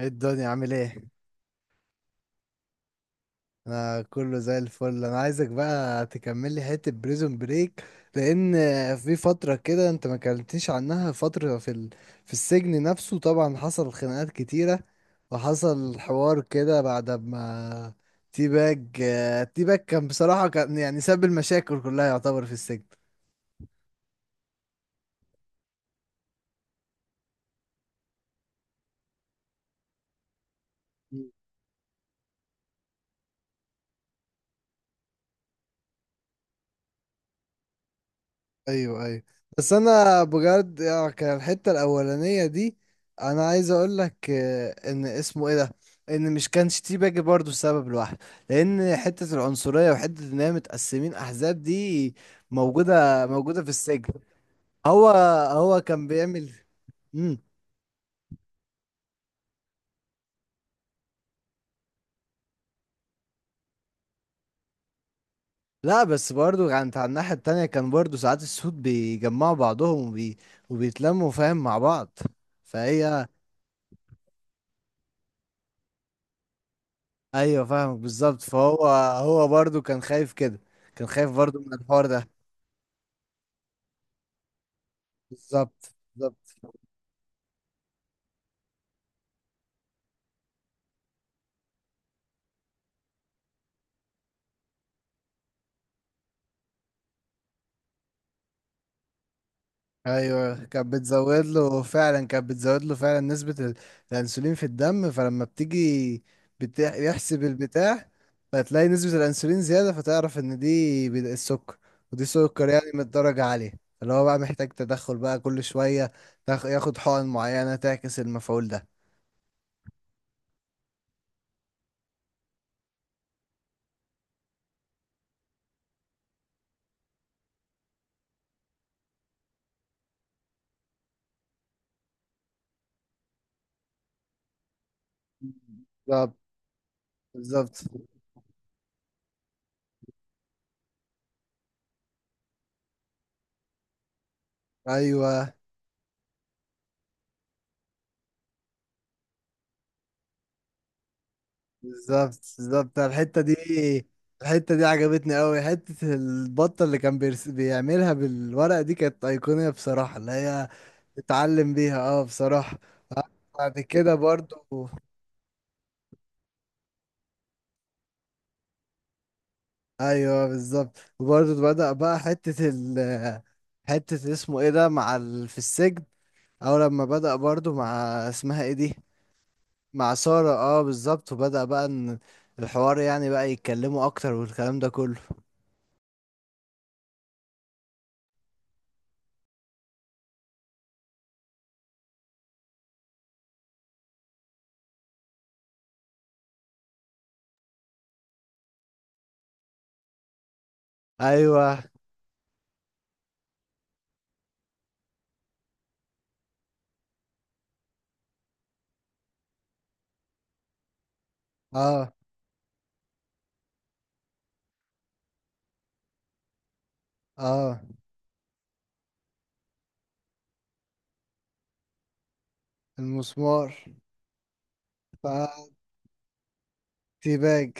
ايه الدنيا عامل ايه؟ انا كله زي الفل. انا عايزك بقى تكمل لي حته بريزون بريك، لان في فتره كده انت ما كلمتنيش عنها، فتره في ال... في السجن نفسه طبعا حصل خناقات كتيره، وحصل حوار كده بعد ما تي باج تي باج كان بصراحه كان يعني ساب المشاكل كلها يعتبر في السجن. ايوه، ايوه. بس انا بجد يعني كان الحته الاولانيه دي، انا عايز اقول لك ان اسمه ايه ده، ان مش كانش تي باجي برضه سبب لوحده، لان حته العنصريه وحته ان هي متقسمين احزاب دي موجوده، موجوده في السجن. هو هو كان بيعمل مم. لا، بس برضه كانت على الناحيه التانية، كان برضه ساعات السود بيجمعوا بعضهم وبي... وبيتلموا فاهم مع بعض، فهي. ايوه، فاهمك بالظبط. فهو، هو برضو كان خايف كده، كان خايف برضو من الحوار ده. بالظبط، بالظبط. ايوه كانت بتزود له فعلا، كانت بتزود له فعلا نسبة ال- الانسولين في الدم، فلما بتيجي بتح- يحسب البتاع، فتلاقي نسبة الانسولين زيادة، فتعرف ان دي بد- السكر، ودي سكر يعني من الدرجة عالية، اللي هو بقى محتاج تدخل بقى كل شوية تاخ- ياخد حقن معينة تعكس المفعول ده. بالظبط، بالظبط. ايوه بالظبط، بالظبط. الحتة دي، الحتة دي عجبتني قوي، حتة البطة اللي كان بيرس... بيعملها بالورق دي كانت أيقونية بصراحة، اللي هي تتعلم بيها، اه بصراحة. بعد كده برضو ايوه بالظبط، وبرضو بدأ بقى حتة ال حتة اسمه ايه ده مع ال... في السجن، او لما بدأ برضو مع اسمها ايه دي، مع سارة، اه بالظبط، وبدأ بقى ان الحوار يعني بقى يتكلموا اكتر والكلام ده كله. ايوه. اه. اه المسمار. فا- باج.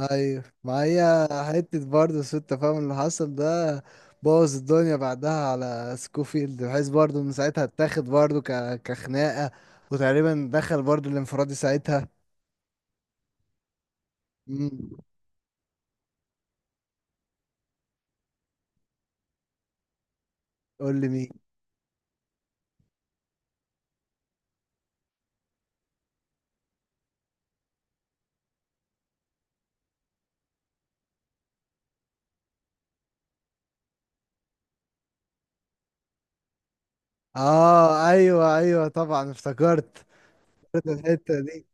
ايوه معايا. حتة برضه سوء التفاهم اللي حصل ده بوظ الدنيا بعدها على سكوفيلد، بحيث برضه ان ساعتها اتاخد برضه ك... كخناقة، وتقريبا دخل برضه الانفرادي ساعتها. مم. قول لي مين. اه ايوه، ايوه طبعا افتكرت الحتة دي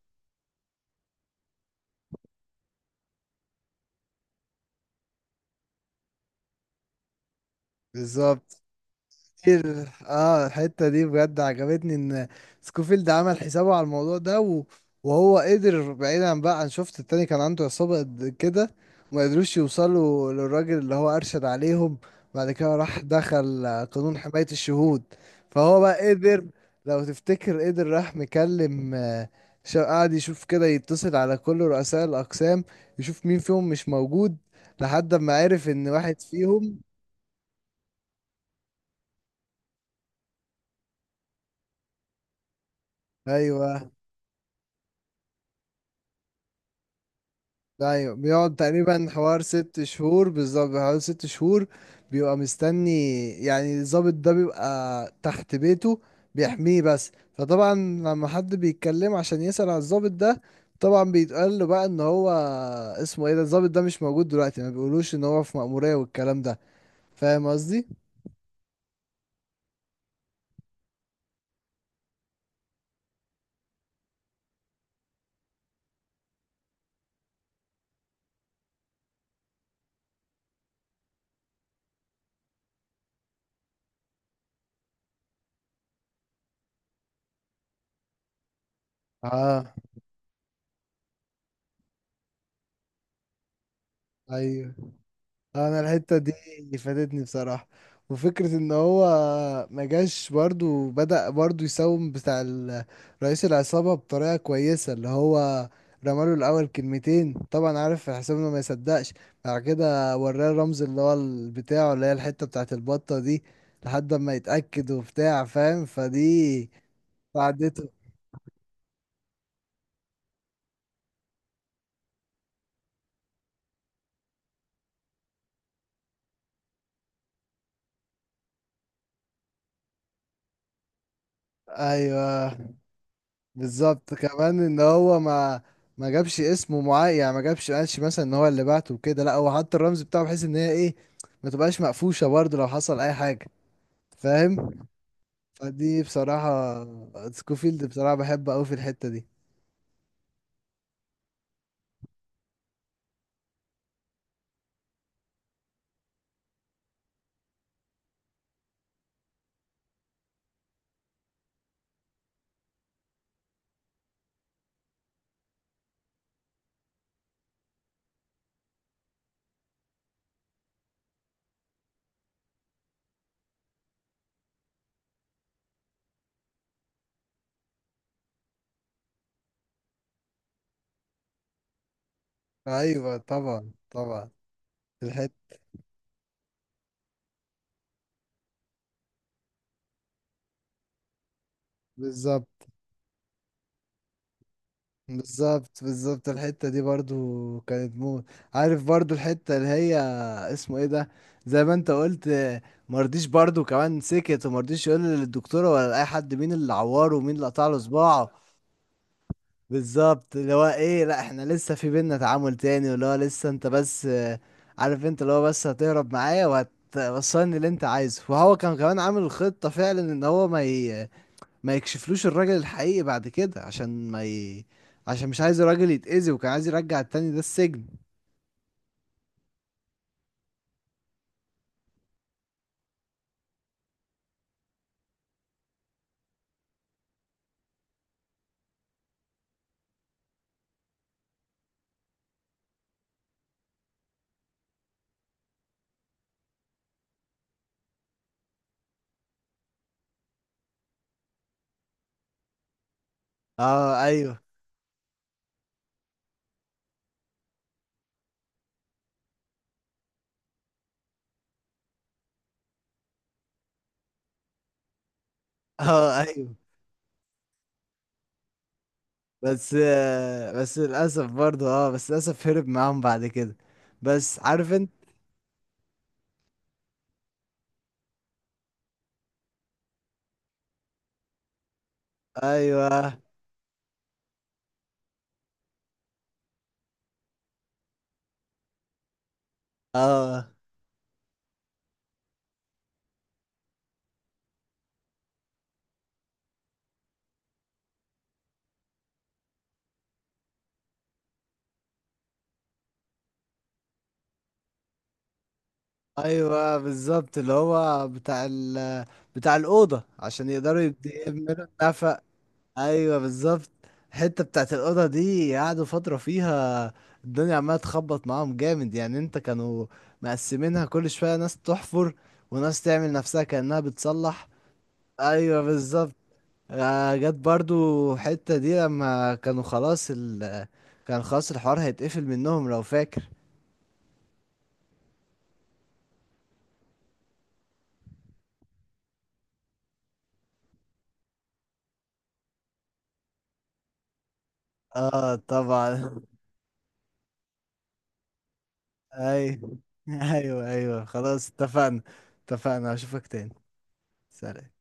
بالظبط. كتير، اه الحتة دي بجد عجبتني، ان سكوفيلد عمل حسابه على الموضوع ده و... وهو قدر بعيدا بقى عن، شفت التاني كان عنده عصابة قد كده ما قدروش يوصلوا للراجل اللي هو أرشد عليهم. بعد كده راح دخل قانون حماية الشهود. فهو بقى قدر، لو تفتكر، قدر راح مكلم شا- قعد يشوف كده، يتصل على كل رؤساء الأقسام يشوف مين فيهم مش موجود، لحد ما عرف ان واحد فيهم. ايوه، ايوه بيقعد تقريبا حوار ست شهور بالظبط، حوالي ست شهور. بيبقى مستني، يعني الضابط ده بيبقى تحت بيته بيحميه، بس فطبعا لما حد بيتكلم عشان يسأل على الضابط ده، طبعا بيتقال له بقى ان هو اسمه ايه ده الضابط ده مش موجود دلوقتي، ما بيقولوش ان هو في مأمورية والكلام ده. فاهم قصدي؟ اه ايوه، انا الحته دي فادتني بصراحه. وفكره ان هو ما جاش برضو، بدأ برضو يساوم بتاع ال- رئيس العصابه بطريقه كويسه، اللي هو رماله الاول كلمتين، طبعا عارف حسام انه ما يصدقش، بعد كده وراه الرمز اللي هو ال- بتاعه اللي هي الحته بتاعه البطه دي، لحد ما يتاكد وبتاع فاهم، فدي ساعدته. ايوه بالظبط، كمان ان هو ما ما جابش اسمه معين، يعني ما جابش قالش مثلا ان هو اللي بعته وكده، لا، هو حط الرمز بتاعه بحيث ان هي ايه ما تبقاش مقفوشه برضه لو حصل اي حاجه، فاهم؟ فدي بصراحه، سكوفيلد بصراحه بحبه قوي في الحته دي. ايوه طبعا، طبعا. في الحته بالظبط، بالظبط. بالظبط، الحتة دي برضو كانت موت. عارف برضو الحتة اللي هي اسمه ايه ده، زي ما انت قلت، مرضيش برضو كمان، سكت ومرضيش يقول للدكتورة ولا لأي حد مين اللي عوره ومين اللي قطع له صباعه. بالظبط، اللي هو ايه، لا احنا لسه في بينا تعامل تاني، واللي هو لسه انت بس عارف انت اللي هو بس هتهرب معايا وهتوصلني اللي انت عايزه. وهو كان كمان عامل خطة فعلا ان هو ما ي... ما يكشفلوش الراجل الحقيقي بعد كده، عشان ما ي... عشان مش عايز الراجل يتأذي، وكان عايز يرجع التاني ده السجن. اه ايوه. اه ايوه. بس بس للأسف برضه، اه بس للأسف هرب معاهم بعد كده. بس عارف انت. ايوه. اه ايوه بالظبط، اللي هو بتاع ال... بتاع الأوضة عشان يقدروا يبد- يعملوا النفق. ايوه بالظبط. الحتة بتاعت الأوضة دي قعدوا فترة فيها الدنيا عمالة تخبط معاهم جامد، يعني انت كانوا مقسمينها كل شوية، ناس تحفر وناس تعمل نفسها كأنها بتصلح. ايوه بالظبط. جت برضو حتة دي لما كانوا خلاص ال كان خلاص الحوار هيتقفل منهم، لو فاكر. اه طبعا. ايوه. ايوه، ايوه خلاص اتفقنا. اتفقنا، اشوفك تاني. سلام.